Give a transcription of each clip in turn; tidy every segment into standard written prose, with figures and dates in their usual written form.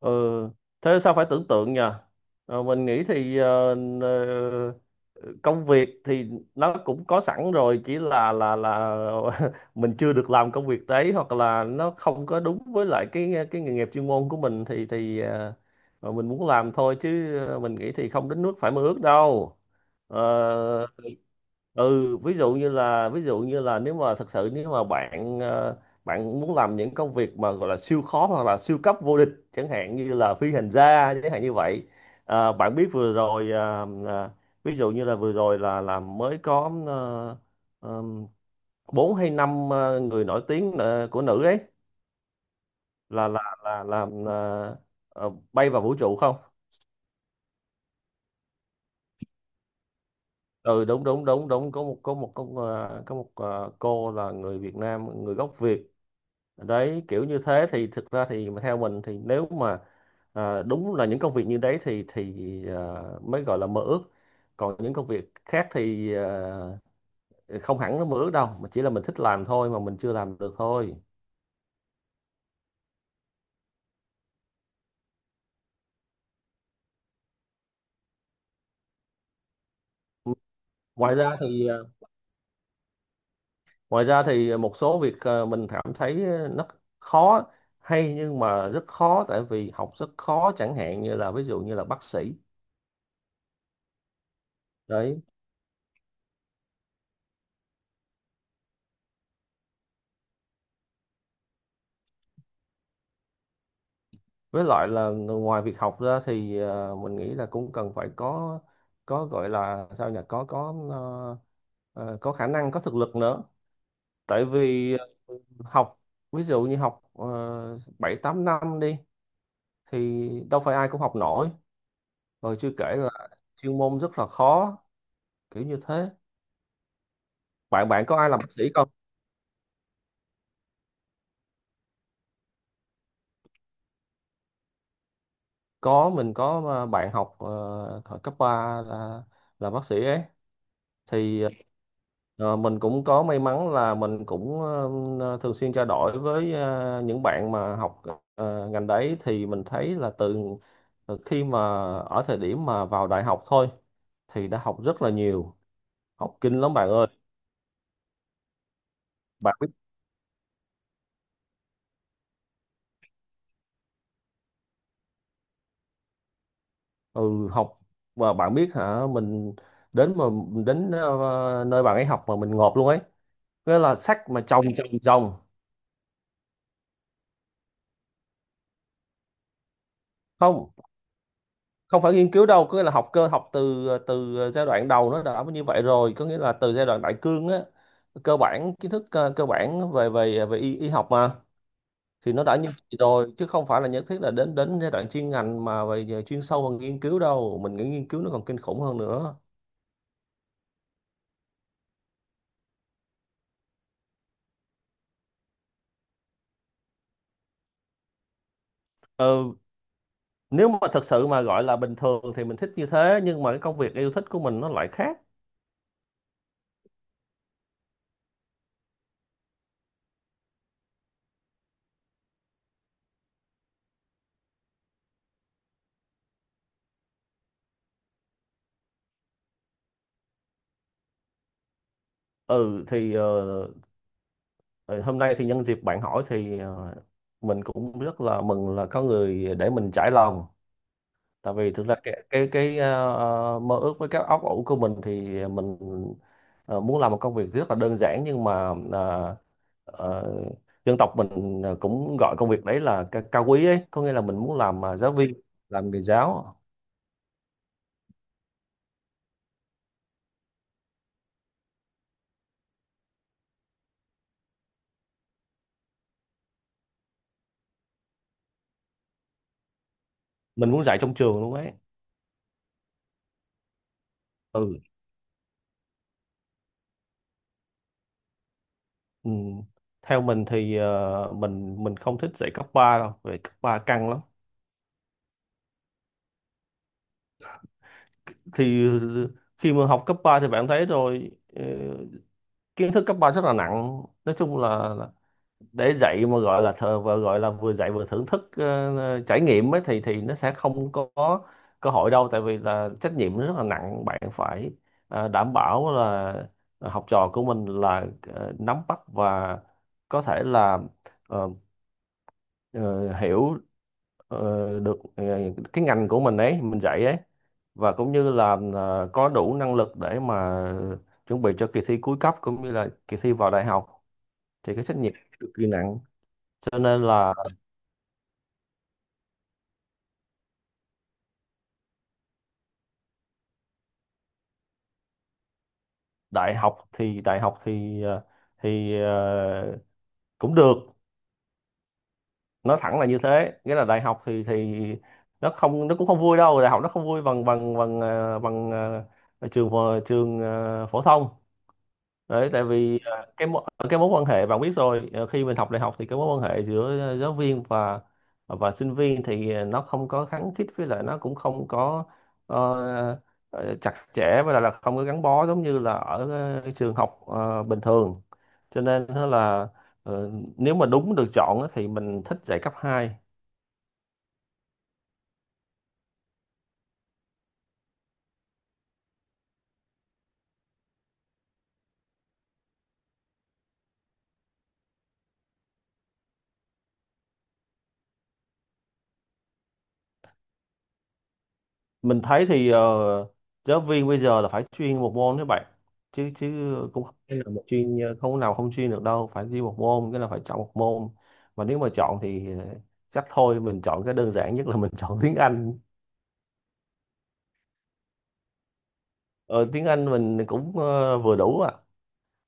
Ừ, thế sao phải tưởng tượng nhờ? Mình nghĩ thì ờ, công việc thì nó cũng có sẵn rồi, chỉ là mình chưa được làm công việc đấy, hoặc là nó không có đúng với lại cái nghề nghiệp chuyên môn của mình thì mà mình muốn làm thôi, chứ mình nghĩ thì không đến nước phải mơ ước đâu. Ờ, ừ, ví dụ như là, nếu mà thật sự, nếu mà bạn muốn làm những công việc mà gọi là siêu khó hoặc là siêu cấp vô địch, chẳng hạn như là phi hành gia, chẳng hạn như vậy. Bạn biết vừa rồi, ví dụ như là vừa rồi là mới có ờm, bốn hay năm người nổi tiếng của nữ ấy là làm, bay vào vũ trụ không? Ừ, đúng, đúng, đúng, đúng, có một có một có một ờ, cô là người Việt Nam, người gốc Việt. Đấy, kiểu như thế thì thực ra thì mà theo mình thì, nếu mà, đúng là những công việc như đấy thì à, mới gọi là mơ ước. Còn những công việc khác thì không hẳn nó mơ ước đâu, mà chỉ là mình thích làm thôi mà mình chưa làm được thôi. ngoài ra thì à, Ngoài ra thì một số việc, mình cảm thấy nó khó, hay nhưng mà rất khó, tại vì học rất khó, chẳng hạn như là, ví dụ như là, bác sĩ đấy. Với lại là, ngoài việc học ra thì mình nghĩ là cũng cần phải có gọi là sao nhỉ, có khả năng, có thực lực nữa. Tại vì, học, ví dụ như học, 7 8 năm đi, thì đâu phải ai cũng học nổi. Rồi chưa kể là chuyên môn rất là khó, kiểu như thế. Bạn bạn có ai làm bác sĩ không? Có, mình có bạn học thời cấp 3 là bác sĩ ấy. thì mình cũng có may mắn là mình cũng thường xuyên trao đổi với những bạn mà học ngành đấy, thì mình thấy là, từ từ khi mà, ở thời điểm mà vào đại học thôi, thì đã học rất là nhiều. Học kinh lắm bạn ơi. Bạn biết, ừ, học mà, bạn biết hả, mình, đến mà đến nơi bạn ấy học mà mình ngộp luôn ấy, nghĩa là sách mà chồng chồng chồng. Không, không phải nghiên cứu đâu, có nghĩa là học cơ, học từ từ giai đoạn đầu nó đã như vậy rồi, có nghĩa là từ giai đoạn đại cương á, cơ bản, kiến thức cơ bản về về về y, học mà, thì nó đã như vậy rồi, chứ không phải là nhất thiết là đến đến giai đoạn chuyên ngành mà về về chuyên sâu hơn, nghiên cứu đâu. Mình nghĩ nghiên cứu nó còn kinh khủng hơn nữa. ờ, Nếu mà thật sự mà gọi là bình thường thì mình thích như thế, nhưng mà cái công việc yêu thích của mình nó lại khác. Ừ thì, ờ, hôm nay thì nhân dịp bạn hỏi thì mình cũng rất là mừng là có người để mình trải lòng. Tại vì thực ra cái mơ ước với các óc ủ của mình thì, mình muốn làm một công việc rất là đơn giản, nhưng mà, ờ, dân tộc mình cũng gọi công việc đấy là, cao quý ấy, có nghĩa là mình muốn làm giáo viên, làm nghề giáo. Mình muốn dạy trong trường luôn ấy. Ừ, ừ, theo mình thì, mình không thích dạy cấp 3 đâu, vì cấp 3 căng lắm. Thì khi mà học cấp 3 thì bạn thấy rồi, ờ, kiến thức cấp 3 rất là nặng, nói chung là, để dạy mà gọi là thờ và gọi là vừa dạy vừa thưởng thức, trải nghiệm ấy, thì nó sẽ không có cơ hội đâu, tại vì là trách nhiệm nó rất là nặng, bạn phải đảm bảo là học trò của mình là nắm bắt và có thể là ờ, ờ, hiểu ờ, được cái ngành của mình ấy, mình dạy ấy, và cũng như là có đủ năng lực để mà chuẩn bị cho kỳ thi cuối cấp, cũng như là kỳ thi vào đại học, thì cái trách nhiệm cực kỳ nặng, cho nên là, đại học thì thì ờ, cũng được, nói thẳng là như thế, nghĩa là đại học thì nó cũng không vui đâu, đại học nó không vui bằng bằng bằng ờ, trường phổ thông. Đấy, tại vì, cái mối quan hệ, bạn biết rồi, à, khi mình học đại học thì cái mối quan hệ giữa, giáo viên và sinh viên thì, nó không có khăng khít, với lại nó cũng không có, ờ, chặt chẽ, với lại là không có gắn bó giống như là ở cái trường học bình thường, cho nên ờ, nếu mà đúng được chọn á, thì mình thích dạy cấp hai. Mình thấy thì, giáo viên bây giờ là phải chuyên một môn các bạn, chứ chứ cũng không phải là không có nào không chuyên được đâu, phải chuyên một môn, cái là phải chọn một môn. Mà nếu mà chọn thì chắc thôi, mình chọn cái đơn giản nhất, là mình chọn tiếng Anh. Ờ, Tiếng Anh mình cũng vừa đủ à.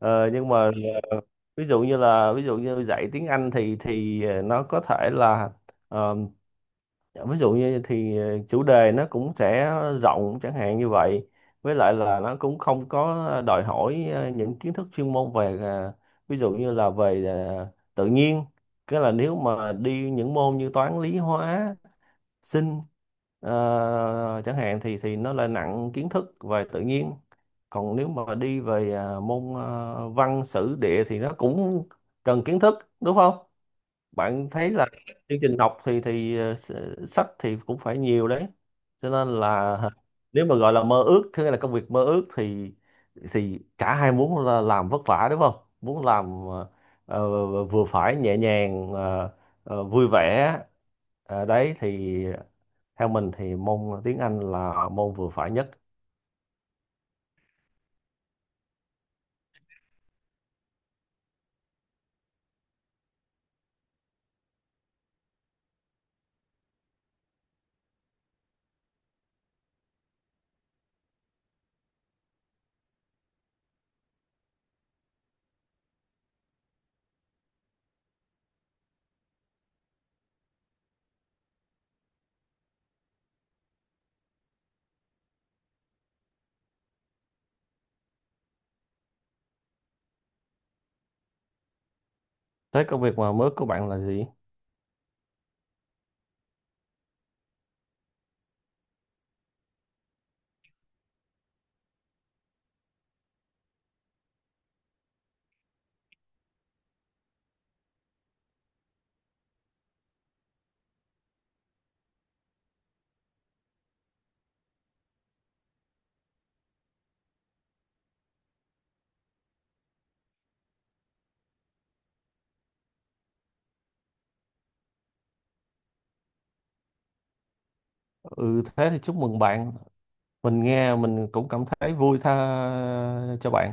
Nhưng mà, ờ, ví dụ như là, ví dụ như dạy tiếng Anh thì nó có thể là, dạ, ví dụ như chủ đề nó cũng sẽ rộng, chẳng hạn như vậy, với lại là nó cũng không có đòi hỏi những kiến thức chuyên môn về, ví dụ như là về tự nhiên. Cái là nếu mà đi những môn như toán lý hóa sinh chẳng hạn, thì nó lại nặng kiến thức về tự nhiên. Còn nếu mà đi về môn văn sử địa thì nó cũng cần kiến thức, đúng không? Bạn thấy là chương trình học thì sách thì cũng phải nhiều đấy, cho nên là nếu mà gọi là mơ ước, có nghĩa là công việc mơ ước, thì cả hai muốn là làm vất vả, đúng không? Muốn làm, ờ, vừa phải nhẹ nhàng, vui vẻ. Đấy thì, theo mình thì môn tiếng Anh là môn vừa phải nhất. Thế công việc mà mơ ước của bạn là gì? Ừ, thế thì chúc mừng bạn, mình nghe mình cũng cảm thấy vui, tha cho bạn.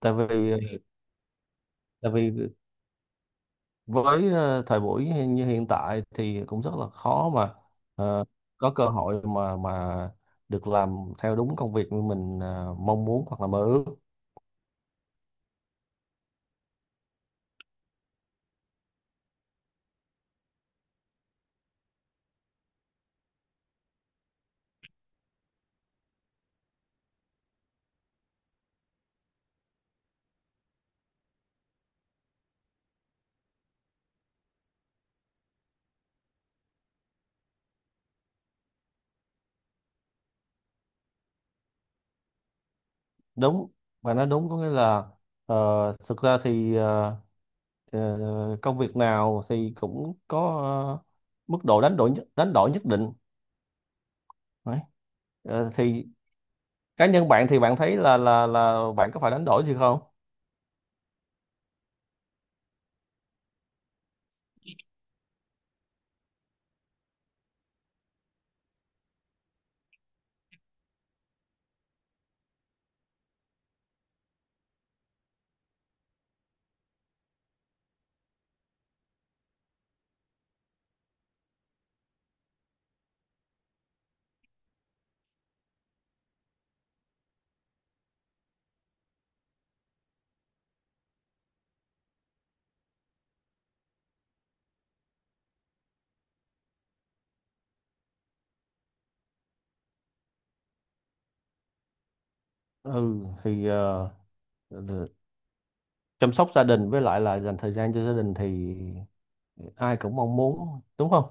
Tại vì tại vì với thời buổi như hiện tại thì cũng rất là khó mà ờ, có cơ hội mà được làm theo đúng công việc như mình mong muốn hoặc là mơ ước. Đúng, và nói đúng, có nghĩa là, ờ, thực ra thì công việc nào thì cũng có ờ, mức độ đánh đổi nhất định. Đấy. Thì cá nhân bạn thì bạn thấy là bạn có phải đánh đổi gì không? Ừ thì, chăm sóc gia đình với lại là dành thời gian cho gia đình thì ai cũng mong muốn, đúng không?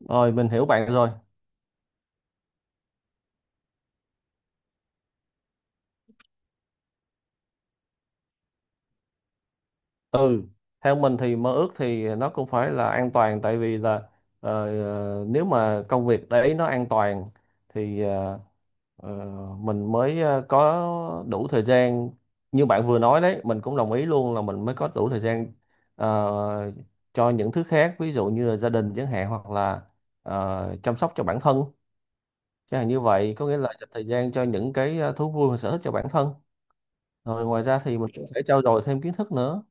Rồi mình hiểu bạn rồi. Ừ, theo mình thì mơ ước thì nó cũng phải là an toàn, tại vì là, ờ, nếu mà công việc đấy nó an toàn thì ờ, mình mới có đủ thời gian, như bạn vừa nói đấy, mình cũng đồng ý luôn là mình mới có đủ thời gian ờ, cho những thứ khác, ví dụ như là gia đình chẳng hạn, hoặc là chăm sóc cho bản thân. Chắc là như vậy, có nghĩa là dành thời gian cho những cái thú vui và sở thích cho bản thân. Rồi ngoài ra thì mình cũng phải trau dồi thêm kiến thức nữa.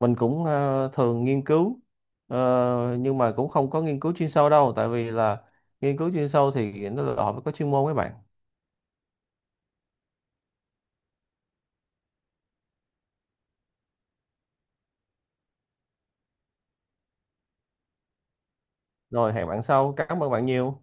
Mình cũng thường nghiên cứu, nhưng mà cũng không có nghiên cứu chuyên sâu đâu. Tại vì là nghiên cứu chuyên sâu thì nó đòi hỏi phải có chuyên môn với bạn. Rồi, hẹn bạn sau. Cảm ơn bạn nhiều.